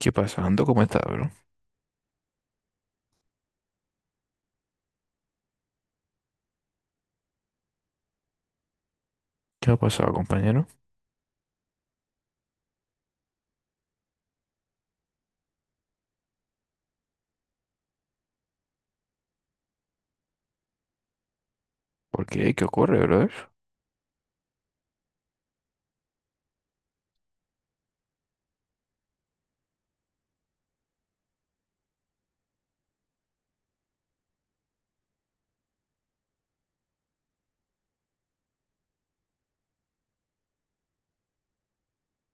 ¿Qué pasando? ¿Cómo está, bro? ¿Qué ha pasado, compañero? ¿Por qué? ¿Qué ocurre, brother?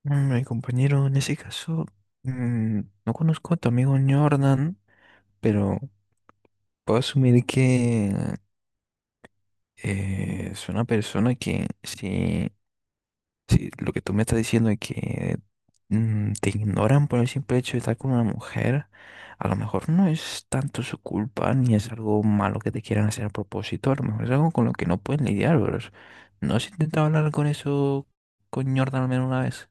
Mm, mi compañero, en ese caso, mm, no conozco a tu amigo Jordan, pero puedo asumir que es una persona que sí. Sí, lo que tú me estás diciendo es que, te ignoran por el simple hecho de estar con una mujer. A lo mejor no es tanto su culpa ni es algo malo que te quieran hacer a propósito. A lo mejor es algo con lo que no pueden lidiar, pero es- ¿no has intentado hablar con eso con Jordan al menos una vez?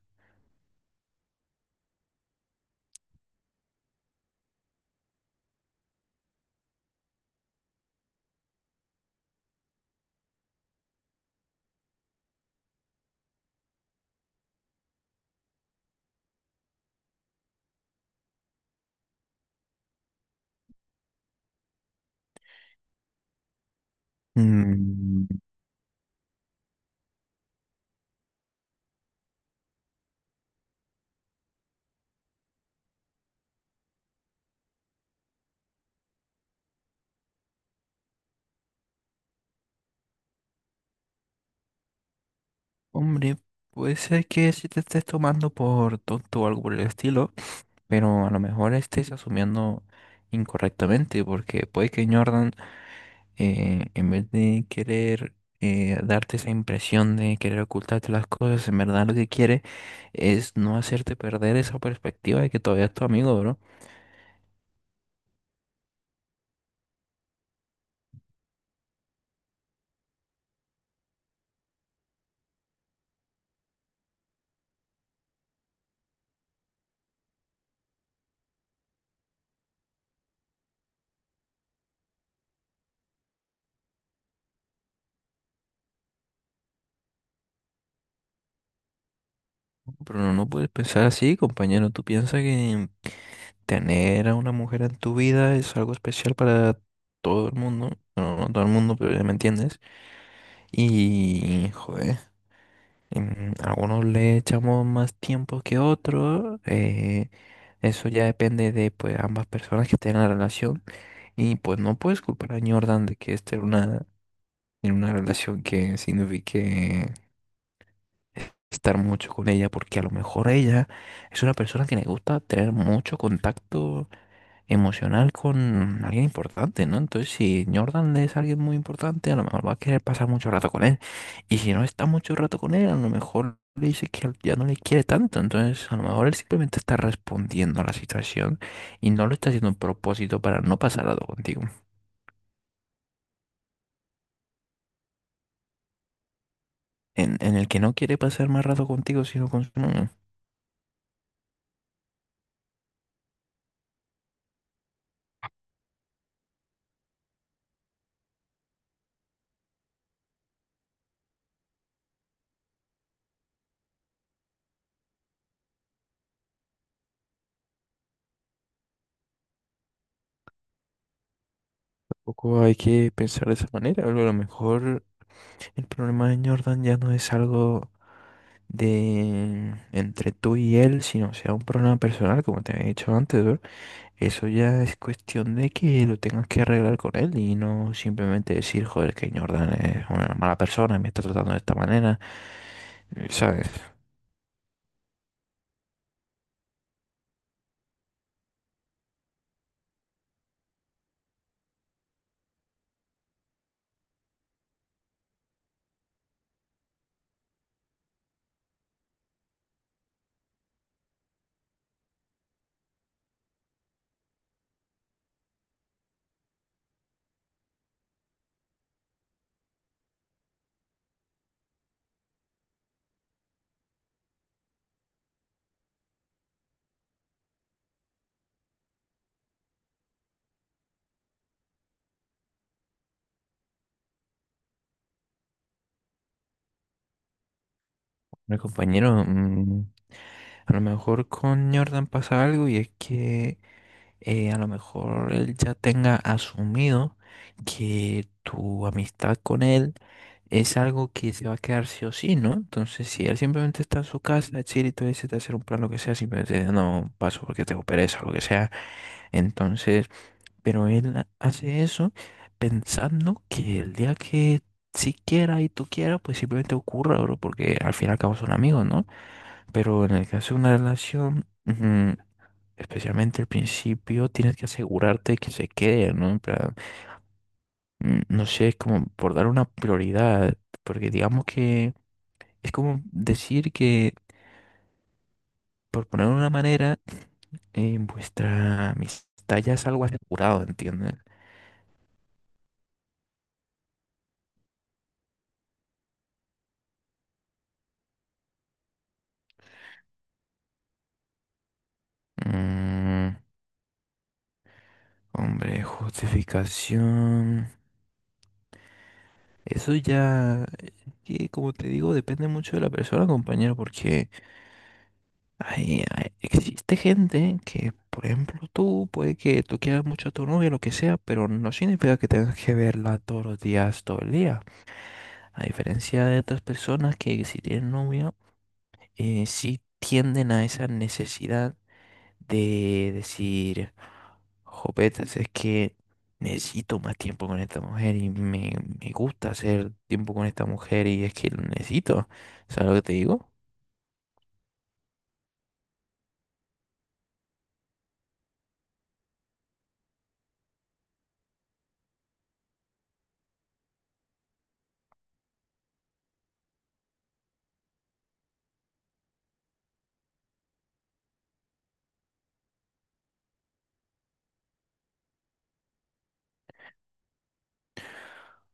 Mm, hombre, puede ser que si te estés tomando por tonto o algo por el estilo, pero a lo mejor estés asumiendo incorrectamente, porque puede que Jordan en vez de querer darte esa impresión de querer ocultarte las cosas, en verdad lo que quiere es no hacerte perder esa perspectiva de que todavía es tu amigo, bro. Pero no, no puedes pensar así, compañero. Tú piensas que tener a una mujer en tu vida es algo especial para todo el mundo. Bueno, no todo el mundo, pero ya me entiendes. Y, joder, algunos le echamos más tiempo que otros. Eso ya depende de pues ambas personas que estén en la relación. Y pues no puedes culpar a Jordan de que esté en una relación que signifique estar mucho con ella, porque a lo mejor ella es una persona que le gusta tener mucho contacto emocional con alguien importante, ¿no? Entonces, si Jordan es alguien muy importante, a lo mejor va a querer pasar mucho rato con él. Y si no está mucho rato con él, a lo mejor le dice que ya no le quiere tanto. Entonces, a lo mejor él simplemente está respondiendo a la situación y no lo está haciendo a propósito para no pasar rato contigo. En el que no quiere pasar más rato contigo, sino con su novia. Tampoco hay que pensar de esa manera. A lo mejor el problema de Jordan ya no es algo de entre tú y él, sino sea un problema personal, como te había dicho antes, bro. Eso ya es cuestión de que lo tengas que arreglar con él y no simplemente decir, joder, que Jordan es una mala persona, me está tratando de esta manera, ¿sabes? Mi compañero, a lo mejor con Jordan pasa algo y es que, a lo mejor él ya tenga asumido que tu amistad con él es algo que se va a quedar sí o sí, ¿no? Entonces, si él simplemente está en su casa, chill, y tú decides hacer un plan, lo que sea, simplemente dice, no paso porque tengo pereza, lo que sea. Entonces, pero él ha- hace eso pensando que el día que si quiera y tú quieras, pues simplemente ocurra, bro, porque al fin y al cabo son amigos, ¿no? Pero en el caso de una relación, ujú, especialmente al principio tienes que asegurarte de que se quede, ¿no? En plan, no sé, es como por dar una prioridad, porque digamos que es como decir que, por poner una manera, vuestra amistad ya es algo asegurado, ¿entiendes? Mm, hombre, justificación. Eso ya, que como te digo, depende mucho de la persona, compañero, porque hay- hay- existe gente que, por ejemplo, tú, puede que tú quieras mucho a tu novia, lo que sea, pero no significa que tengas que verla todos los días, todo el día. A diferencia de otras personas que si tienen novia, sí tienden a esa necesidad de decir, jopetas, es que necesito más tiempo con esta mujer y me gusta hacer tiempo con esta mujer y es que lo necesito. ¿Sabes lo que te digo?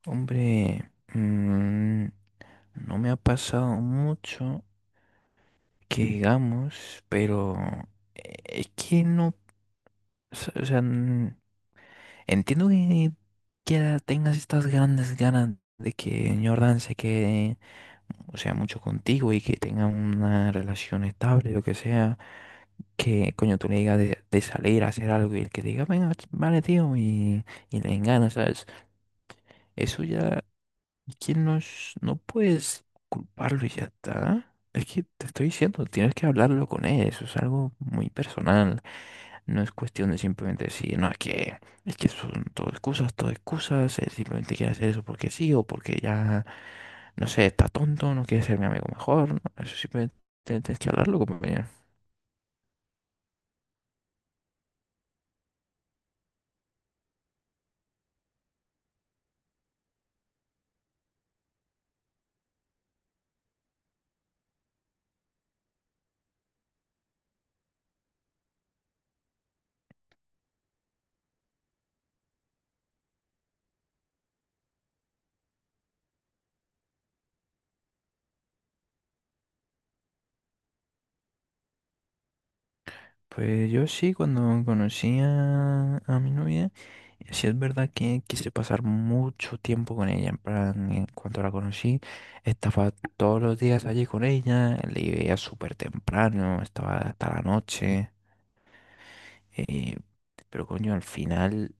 Hombre, no me ha pasado mucho que digamos, pero es que no. S- o sea, entiendo que tengas estas grandes ganas de que Jordan se quede, o sea, mucho contigo y que tenga una relación estable, lo que sea, que coño tú le digas de salir a hacer algo y el que diga, venga, ch- vale, tío, y le ganas, ¿sabes? Eso ya ¿quién nos... No puedes culparlo y ya está. Es que te estoy diciendo, tienes que hablarlo con él. Eso es algo muy personal. No es cuestión de simplemente decir, no, es que son todo excusas, todo excusas. Él simplemente quiere hacer eso porque sí o porque ya, no sé, está tonto, no quiere ser mi amigo mejor, ¿no? Eso simplemente tienes que hablarlo, compañero. Pues yo sí, cuando conocí a mi novia. Sí es verdad que quise pasar mucho tiempo con ella, en plan, en cuanto la conocí, estaba todos los días allí con ella, le veía súper temprano, estaba hasta la noche, eh, pero coño, al final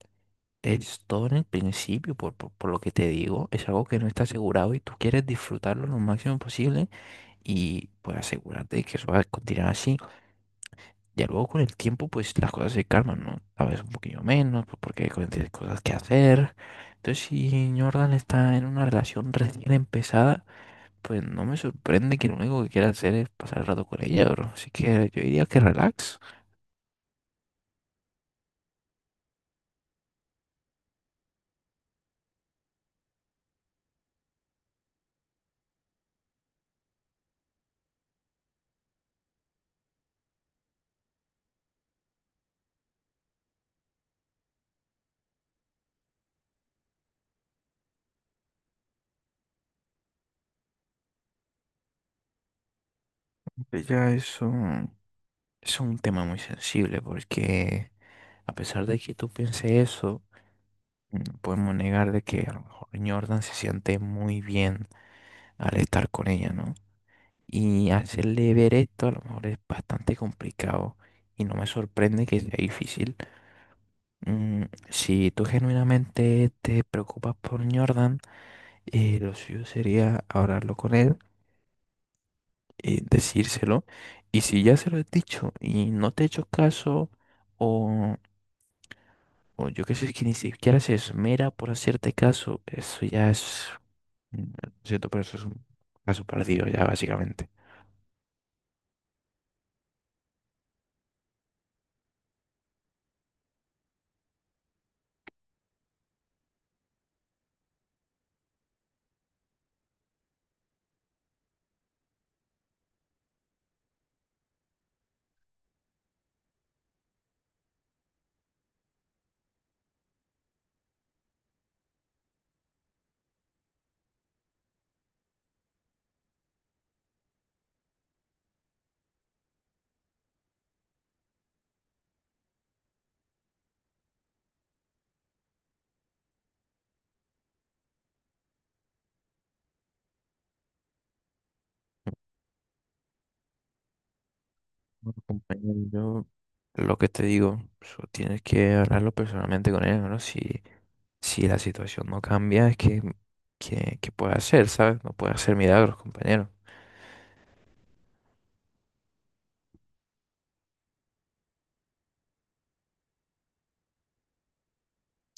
es todo en el principio, por lo que te digo, es algo que no está asegurado y tú quieres disfrutarlo lo máximo posible y pues asegúrate que eso va a continuar así. Ya luego con el tiempo, pues las cosas se calman, ¿no? A veces un poquillo menos, pues porque hay co- tienes cosas que hacer. Entonces, si Jordan está en una relación recién empezada, pues no me sorprende que lo único que quiera hacer es pasar el rato con ella, bro. Así que yo diría que relax. Ya es un tema muy sensible, porque a pesar de que tú pienses eso, no podemos negar de que a lo mejor Jordan se siente muy bien al estar con ella, ¿no? Y hacerle ver esto a lo mejor es bastante complicado y no me sorprende que sea difícil. Si tú genuinamente te preocupas por Jordan, lo suyo sería hablarlo con él, decírselo. Y si ya se lo has dicho y no te he hecho caso, o, o yo qué sé, que ni siquiera se esmera por hacerte caso, eso ya es, lo siento, pero eso es un caso perdido ya básicamente. Bueno, compañero, yo lo que te digo, so- tienes que hablarlo personalmente con él, ¿no? Si, si la situación no cambia, es que puede hacer, ¿sabes? No puede hacer milagros, compañero.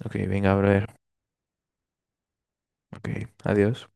Ok, venga, brother. Ok, adiós.